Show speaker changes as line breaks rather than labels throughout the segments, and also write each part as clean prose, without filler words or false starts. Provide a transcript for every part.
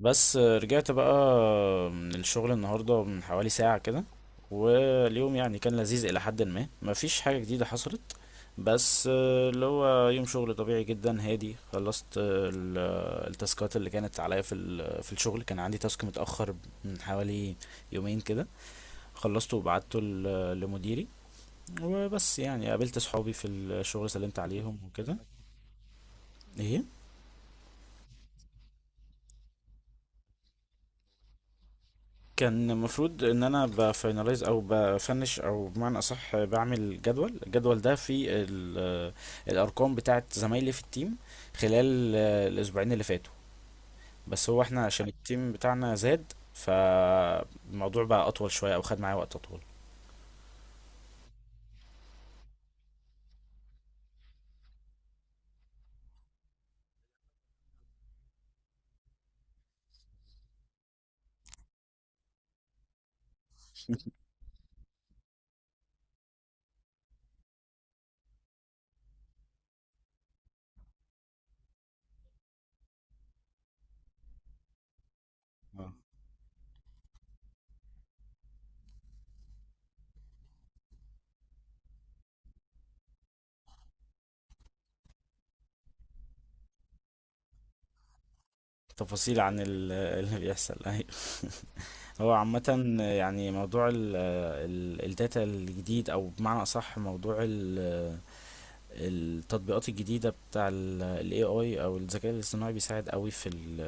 بس رجعت بقى من الشغل النهاردة من حوالي ساعة كده. واليوم يعني كان لذيذ إلى حد ما، مفيش حاجة جديدة حصلت بس آه، اللي هو يوم شغل طبيعي جدا. هادي خلصت التاسكات اللي كانت عليا في الشغل. كان عندي تاسك متأخر من حوالي يومين كده، خلصته وبعته لمديري. وبس يعني قابلت صحابي في الشغل، سلمت عليهم وكده. ايه؟ كان المفروض ان انا بفاينلايز او بفنش او بمعنى اصح بعمل جدول. الجدول ده فيه الارقام بتاعه زمايلي في التيم خلال الاسبوعين اللي فاتوا، بس هو احنا عشان التيم بتاعنا زاد فالموضوع بقى اطول شويه او خد معايا وقت اطول. تفاصيل عن اللي بيحصل، أيوة. هو عامة يعني موضوع الداتا الجديد او بمعنى اصح موضوع التطبيقات الجديدة بتاع ال ال AI أو الذكاء الاصطناعي بيساعد قوي في ال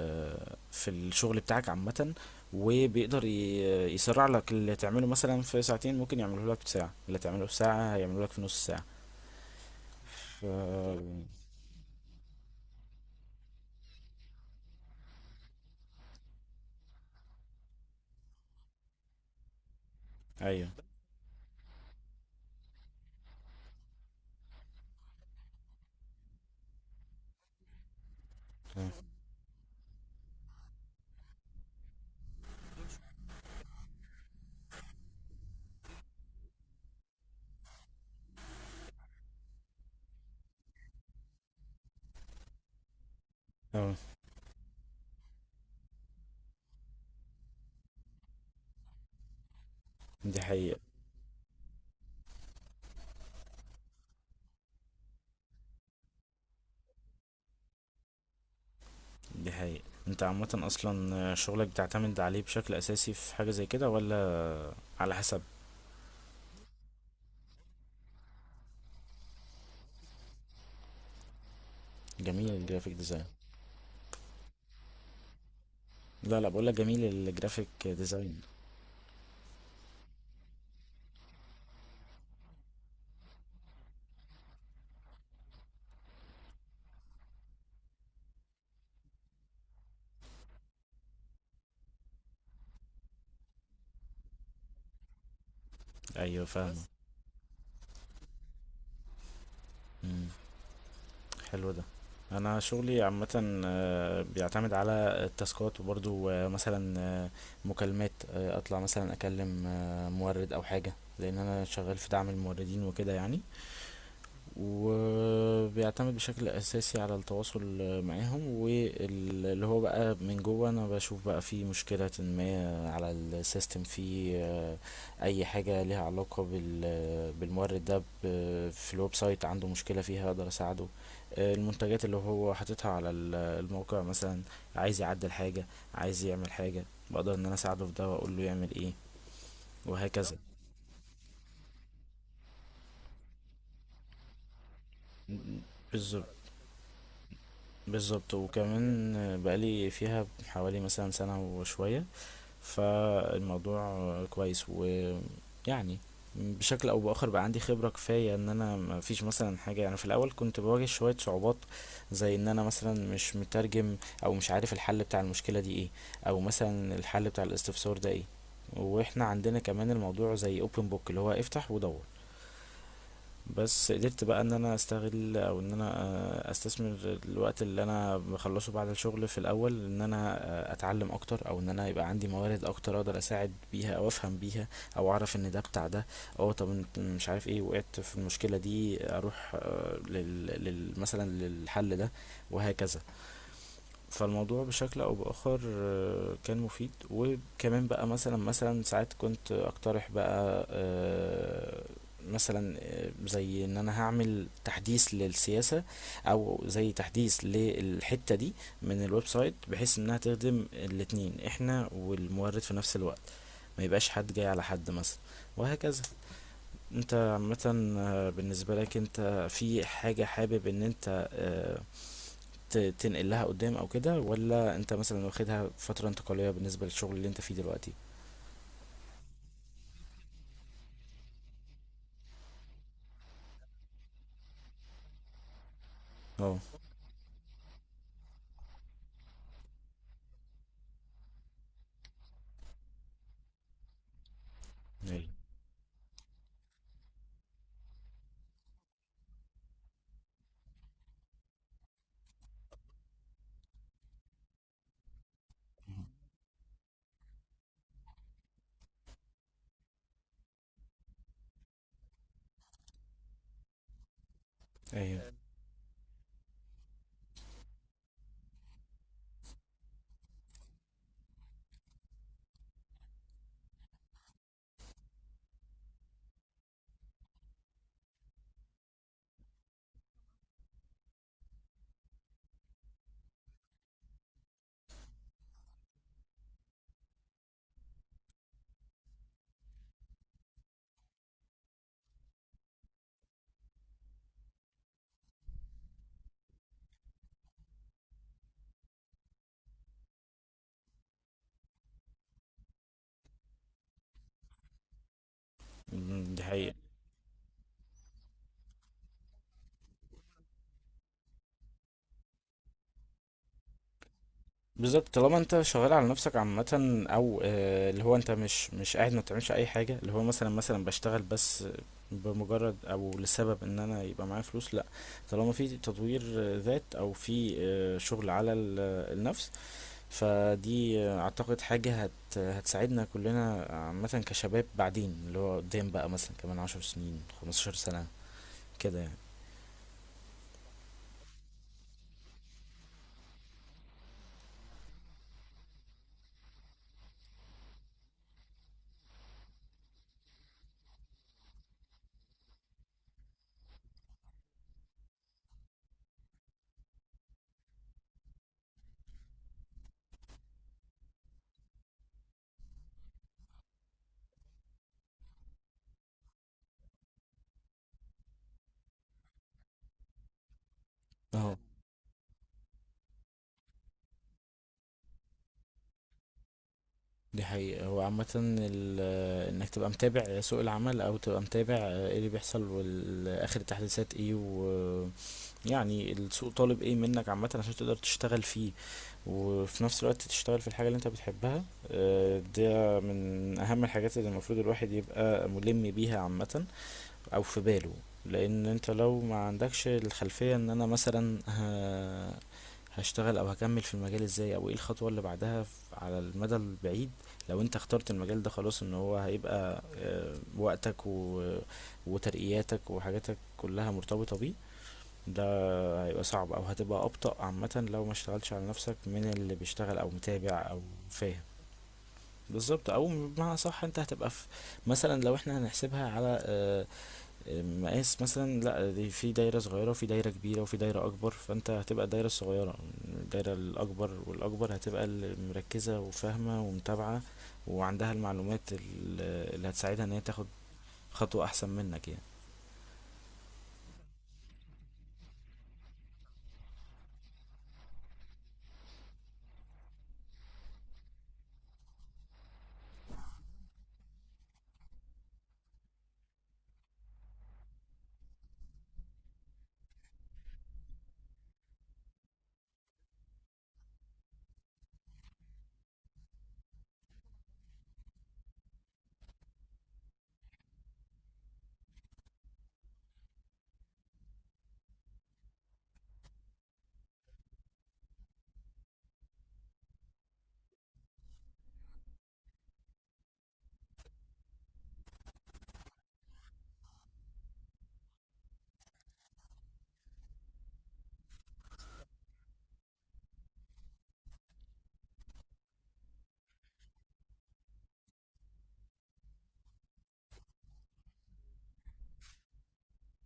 في الشغل بتاعك عامة، وبيقدر يسرع لك اللي تعمله مثلا في ساعتين ممكن يعمله لك في ساعة، اللي تعمله في ساعة هيعمله لك في نص ساعة. ف... أيوه. اه. آه. دي حقيقة. دي حقيقة. انت عامة أصلا شغلك بتعتمد عليه بشكل أساسي في حاجة زي كده ولا على حسب؟ جميل الجرافيك ديزاين. لا، بقولك جميل الجرافيك ديزاين. أيوه فاهمة. حلو ده. انا شغلي عامه آه، بيعتمد على التاسكات، وبرضو آه، مثلا آه، مكالمات، آه، اطلع مثلا اكلم آه، مورد او حاجه، لان انا شغال في دعم الموردين وكده يعني. وبيعتمد بشكل اساسي على التواصل معاهم، واللي هو بقى من جوه انا بشوف بقى في مشكلة ما على السيستم في آه، اي حاجة ليها علاقة بالمورد ده. في الويب سايت عنده مشكلة فيها اقدر اساعده، آه، المنتجات اللي هو حاططها على الموقع مثلا، عايز يعدل حاجة، عايز يعمل حاجة، بقدر ان انا اساعده في ده واقول له يعمل ايه، وهكذا. بالظبط. بالضبط، وكمان بقى لي فيها حوالي مثلًا سنة وشوية، فالموضوع كويس ويعني بشكل أو بآخر بقى عندي خبرة كفاية. إن أنا ما فيش مثلًا حاجة، أنا في الأول كنت باواجه شوية صعوبات، زي إن أنا مثلًا مش مترجم أو مش عارف الحل بتاع المشكلة دي إيه، أو مثلًا الحل بتاع الاستفسار ده إيه، وإحنا عندنا كمان الموضوع زي open book اللي هو افتح ودوّر. بس قدرت بقى ان انا استغل او ان انا آه، استثمر الوقت اللي انا بخلصه بعد الشغل في الاول، ان انا آه، اتعلم اكتر او ان انا يبقى عندي موارد اكتر اقدر اساعد بيها او افهم بيها، او اعرف ان ده بتاع ده، او طب انت مش عارف ايه وقعت في المشكلة دي، اروح آه، مثلا للحل ده، وهكذا. فالموضوع بشكل او باخر آه، كان مفيد. وكمان بقى مثلا ساعات كنت اقترح بقى آه، مثلا آه، زي ان انا هعمل تحديث للسياسة، او زي تحديث للحتة دي من الويب سايت، بحيث انها تخدم الاتنين احنا والمورد في نفس الوقت، ما يبقاش حد جاي على حد مثلا، وهكذا. انت عامة آه، بالنسبة لك انت في حاجة حابب ان انت آه، تنقل لها قدام او كده، ولا انت مثلا واخدها فترة انتقالية بالنسبة للشغل اللي انت فيه دلوقتي؟ اه. ايوه. ايوه. أمم، دي حقيقة. بالظبط، طالما انت شغال على نفسك عامة، او آه، اللي هو انت مش قاعد ما بتعملش اي حاجة، اللي هو مثلا بشتغل بس بمجرد او لسبب ان انا يبقى معايا فلوس، لا. طالما في تطوير آه، ذات او في آه، شغل على النفس، فدي اعتقد حاجة هتساعدنا كلنا عامة كشباب بعدين، اللي هو قدام بقى مثلا كمان عشر سنين خمستاشر سنة كده يعني. اهو. دي حقيقة. هو عامة انك تبقى متابع سوق العمل، او تبقى متابع ايه اللي بيحصل واخر التحديثات ايه، ويعني السوق طالب ايه منك عامة عشان تقدر تشتغل فيه، وفي نفس الوقت تشتغل في الحاجة اللي انت بتحبها. آه، ده من اهم الحاجات اللي المفروض الواحد يبقى ملم بيها عامة او في باله. لان انت لو ما عندكش الخلفية ان انا مثلا هشتغل او هكمل في المجال ازاي، او ايه الخطوة اللي بعدها، على المدى البعيد لو انت اخترت المجال ده، خلاص ان هو هيبقى آه، وقتك و... وترقياتك وحاجاتك كلها مرتبطة بيه. ده هيبقى صعب او هتبقى ابطأ عامة لو ما اشتغلتش على نفسك من اللي بيشتغل او متابع او فاهم. بالظبط، او بمعنى صح، انت هتبقى في مثلا، لو احنا هنحسبها على آه، مقاس مثلا، لا دي في دايرة صغيرة وفي دايرة كبيرة وفي دايرة أكبر، فأنت هتبقى الدايرة الصغيرة، الدايرة الأكبر والأكبر هتبقى اللي مركزة وفاهمة ومتابعة وعندها المعلومات اللي هتساعدها إن هي تاخد خطوة أحسن منك يعني.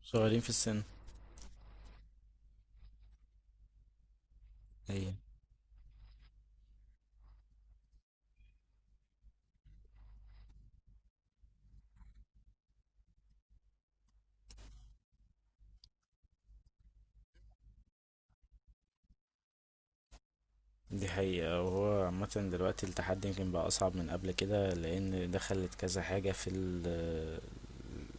صغيرين في السن. هي. دي حقيقة، وهو عامة دلوقتي التحدي يمكن بقى أصعب من قبل كده، لأن دخلت كذا حاجة في ال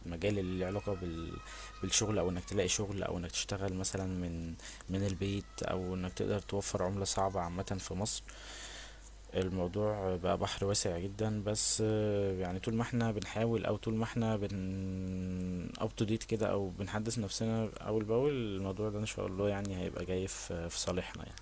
مجال اللي له علاقة بال... بالشغل، او انك تلاقي شغل، او انك تشتغل مثلا من من البيت، او انك تقدر توفر عملة صعبة عامة في مصر. الموضوع بقى بحر واسع جدا، بس آه، يعني طول ما احنا بنحاول او طول ما احنا بن اب تو ديت كده او بنحدث نفسنا اول باول، الموضوع ده ان شاء الله يعني هيبقى جاي في في صالحنا يعني.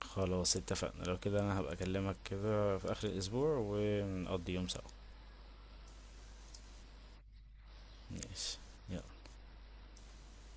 خلاص اتفقنا، لو كده انا هبقى اكلمك كده في اخر الاسبوع ونقضي يوم سوا. ماشي. يلا.